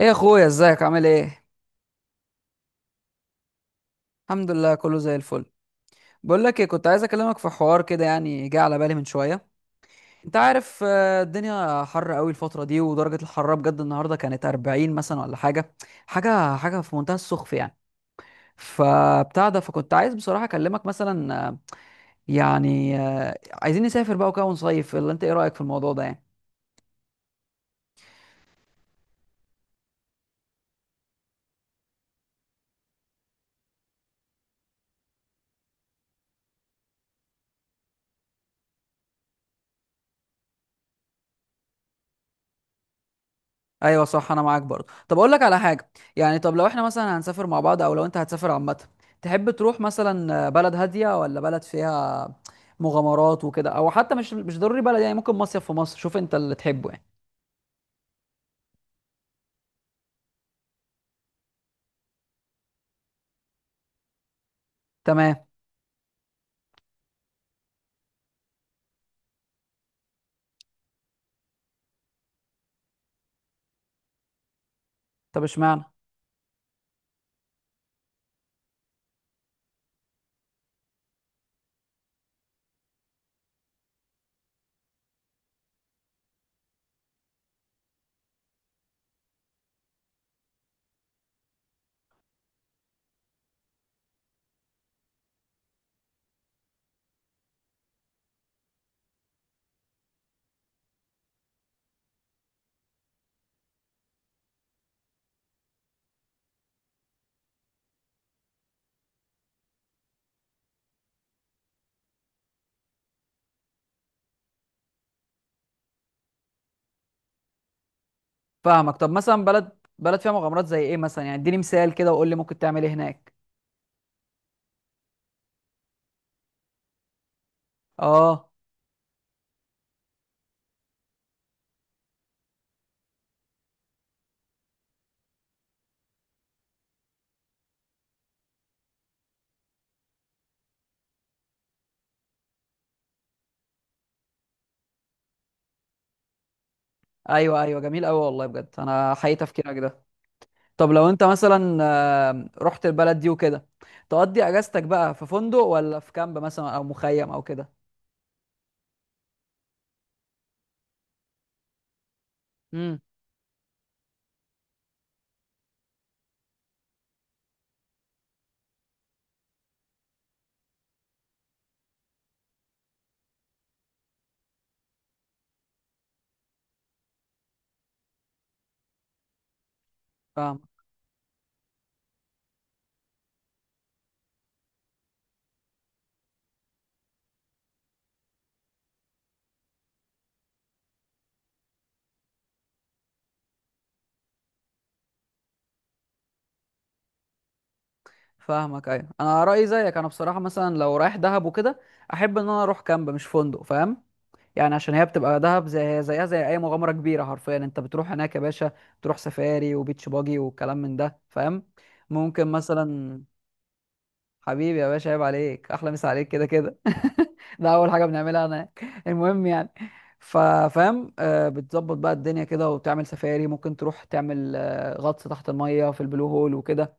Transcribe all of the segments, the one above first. ايه يا اخويا، ازيك؟ عامل ايه؟ الحمد لله، كله زي الفل. بقول لك ايه، كنت عايز اكلمك في حوار كده، يعني جه على بالي من شويه. انت عارف، الدنيا حر قوي الفتره دي، ودرجه الحراره بجد النهارده كانت 40 مثلا ولا حاجه. حاجه في منتهى السخف يعني. فبتاع ده، فكنت عايز بصراحه اكلمك مثلا، يعني عايزين نسافر بقى وكده ونصيف، ولا انت ايه رايك في الموضوع ده يعني؟ ايوه صح، انا معاك برضه. طب اقول لك على حاجه يعني، طب لو احنا مثلا هنسافر مع بعض او لو انت هتسافر عامه، تحب تروح مثلا بلد هاديه ولا بلد فيها مغامرات وكده، او حتى مش ضروري بلد يعني، ممكن مصيف في مصر، شوف انت اللي تحبه يعني. تمام. طب اشمعنى؟ فاهمك. طب مثلا بلد فيها مغامرات زي ايه مثلا؟ يعني اديني مثال كده، وقول لي ممكن تعمل ايه هناك. اه، ايوه ايوه جميل قوي، والله بجد انا حقيقي تفكيرك ده. طب لو انت مثلا رحت البلد دي وكده، تقضي اجازتك بقى في فندق ولا في كامب مثلا او مخيم او كده؟ امم. فاهم. فاهمك ايوه، انا رايي زيك. انا بصراحه مثلا لو رايح دهب وكده، احب ان انا اروح كامب مش فندق، فاهم؟ يعني عشان هي بتبقى دهب، زي زيها زي اي مغامره كبيره حرفيا، انت بتروح هناك يا باشا، تروح سفاري وبيتش باجي والكلام من ده، فاهم؟ ممكن مثلا حبيبي يا باشا، عيب عليك، احلى مسا عليك كده كده. ده اول حاجه بنعملها هناك، المهم يعني. ففاهم، بتظبط بقى الدنيا كده وبتعمل سفاري، ممكن تروح تعمل غطس تحت الميه في البلو هول وكده،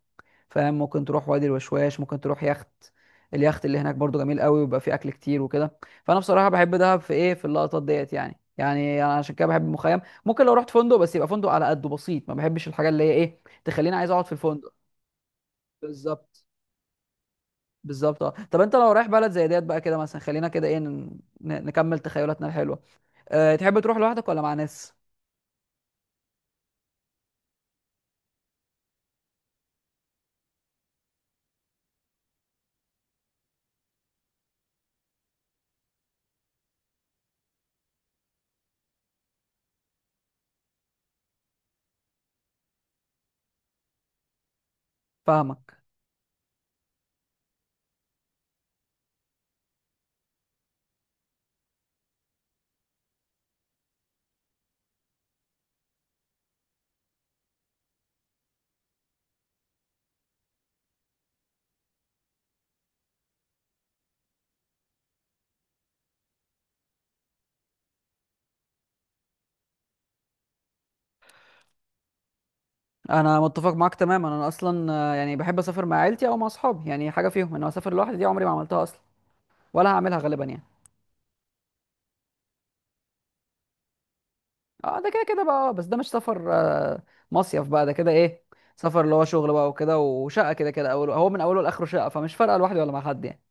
فاهم؟ ممكن تروح وادي الوشواش، ممكن تروح يخت، اليخت اللي هناك برضو جميل قوي ويبقى فيه اكل كتير وكده. فانا بصراحه بحب دهب في ايه، في اللقطات ديت يعني انا عشان كده بحب المخيم. ممكن لو رحت فندق، بس يبقى فندق على قده بسيط، ما بحبش الحاجه اللي هي ايه تخليني عايز اقعد في الفندق. بالظبط. بالظبط اه. طب انت لو رايح بلد زي ديت بقى كده مثلا، خلينا كده ايه نكمل تخيلاتنا الحلوه. أه، تحب تروح لوحدك ولا مع ناس؟ فاهمك. انا متفق معاك تماما، انا اصلا يعني بحب اسافر مع عيلتي او مع اصحابي، يعني حاجه فيهم. انا اسافر لوحدي دي عمري ما عملتها اصلا، ولا هعملها غالبا يعني. اه، ده كده كده بقى، بس ده مش سفر، مصيف بقى ده كده ايه. سفر اللي هو شغل بقى وكده، وشقه كده كده، اول هو من اوله لاخره شقه، فمش فارقه لوحدي ولا مع حد يعني.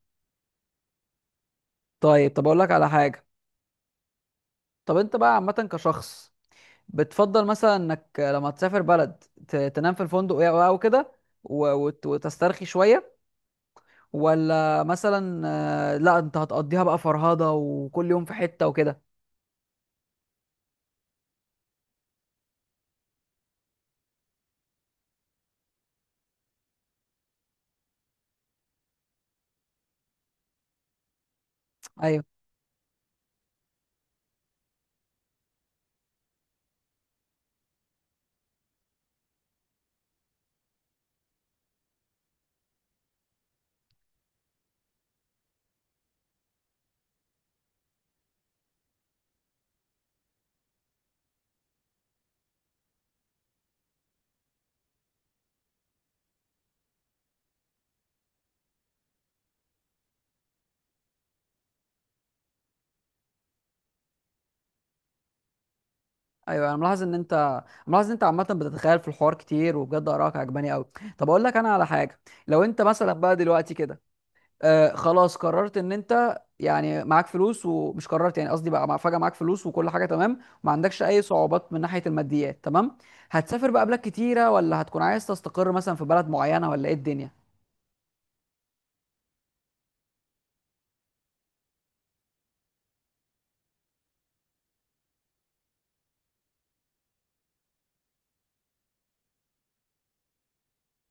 طيب، طب اقول لك على حاجه. طب انت بقى عامه كشخص، بتفضل مثلا انك لما تسافر بلد تنام في الفندق او أو كده وتسترخي شوية، ولا مثلا لا انت هتقضيها بقى فرهضة وكل يوم في حتة وكده؟ ايوه ايوه، انا ملاحظ ان انت ملاحظ ان انت عامة بتتخيل في الحوار كتير، وبجد آرائك عجباني قوي. طب اقول لك انا على حاجة. لو انت مثلا بقى دلوقتي كده خلاص قررت ان انت يعني معاك فلوس، ومش قررت، يعني قصدي بقى فجأة معاك فلوس وكل حاجة تمام وما عندكش اي صعوبات من ناحية الماديات تمام، هتسافر بقى بلاد كتيرة ولا هتكون عايز تستقر مثلا في بلد معينة ولا ايه الدنيا؟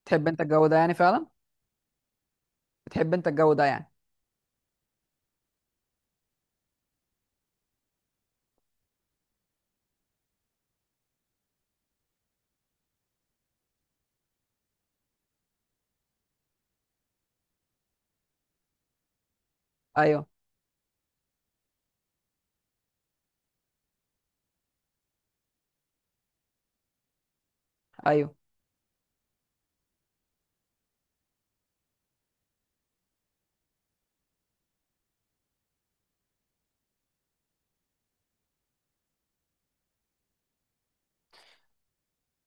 تحب انت الجو ده يعني فعلا؟ بتحب انت الجو ده يعني؟ ايوه ايوه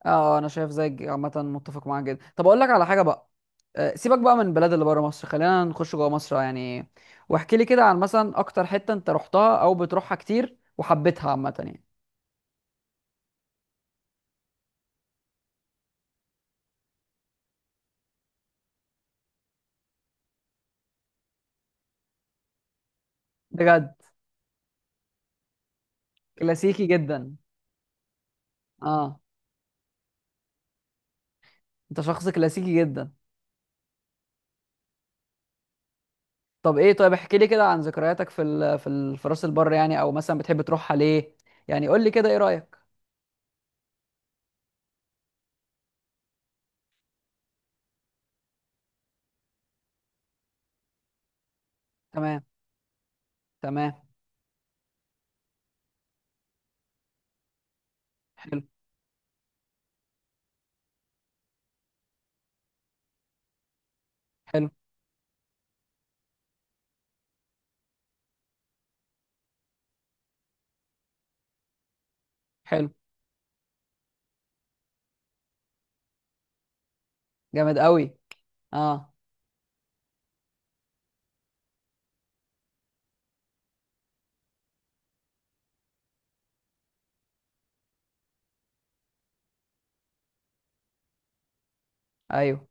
اه، انا شايف زيك عامة، متفق معاك جدا. طب اقول لك على حاجة بقى، سيبك بقى من البلاد اللي بره مصر، خلينا نخش جوه مصر يعني. واحكي لي كده عن مثلا اكتر حتة انت رحتها او بتروحها كتير وحبيتها عامة يعني. بجد؟ كلاسيكي جدا. اه، انت شخص كلاسيكي جدا. طب ايه، طيب احكي لي كده عن ذكرياتك في في راس البر يعني، او مثلا بتحب تروحها ليه؟ يعني قول لي كده، ايه رايك؟ تمام تمام. حلو. حلو. حلو. جامد قوي. اه. ايوه.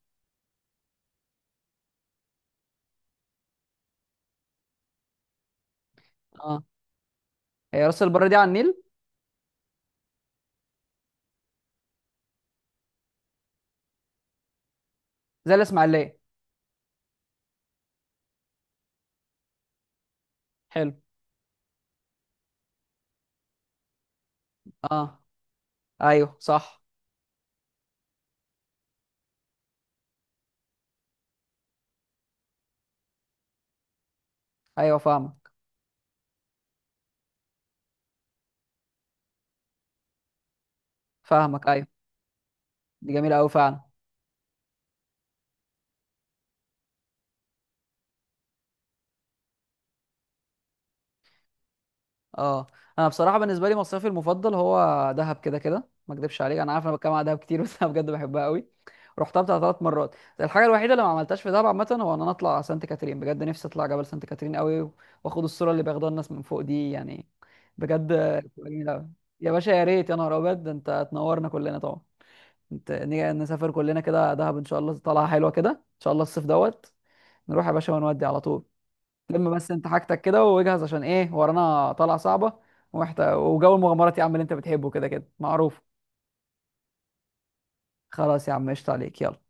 اه، هي راس البر دي على النيل زي الاسماعيليه؟ حلو. اه ايوه صح. ايوه فاهمك. فاهمك ايوه، دي جميله قوي فعلا. اه، انا بصراحه بالنسبه لي مصيفي المفضل هو دهب، كده كده ما اكدبش عليك. انا عارف انا بتكلم على دهب كتير، بس انا بجد بحبها قوي. رحتها بتاع 3 مرات. الحاجه الوحيده اللي ما عملتهاش في دهب عامه هو ان انا اطلع سانت كاترين. بجد نفسي اطلع جبل سانت كاترين قوي، واخد الصوره اللي بياخدوها الناس من فوق دي يعني، بجد بتبقى جميله قوي. يا باشا يا ريت، يا نهار ابيض، ده انت تنورنا كلنا طبعا. انت نيجي نسافر كلنا كده دهب ان شاء الله، طالعه حلوه كده ان شاء الله الصيف دوت. نروح يا باشا ونودي على طول. لما بس انت حاجتك كده واجهز، عشان ايه ورانا طلعه صعبه، ومحتاج وجو المغامرات يا عم اللي انت بتحبه كده كده معروف. خلاص يا عم، قشطة عليك، يلا.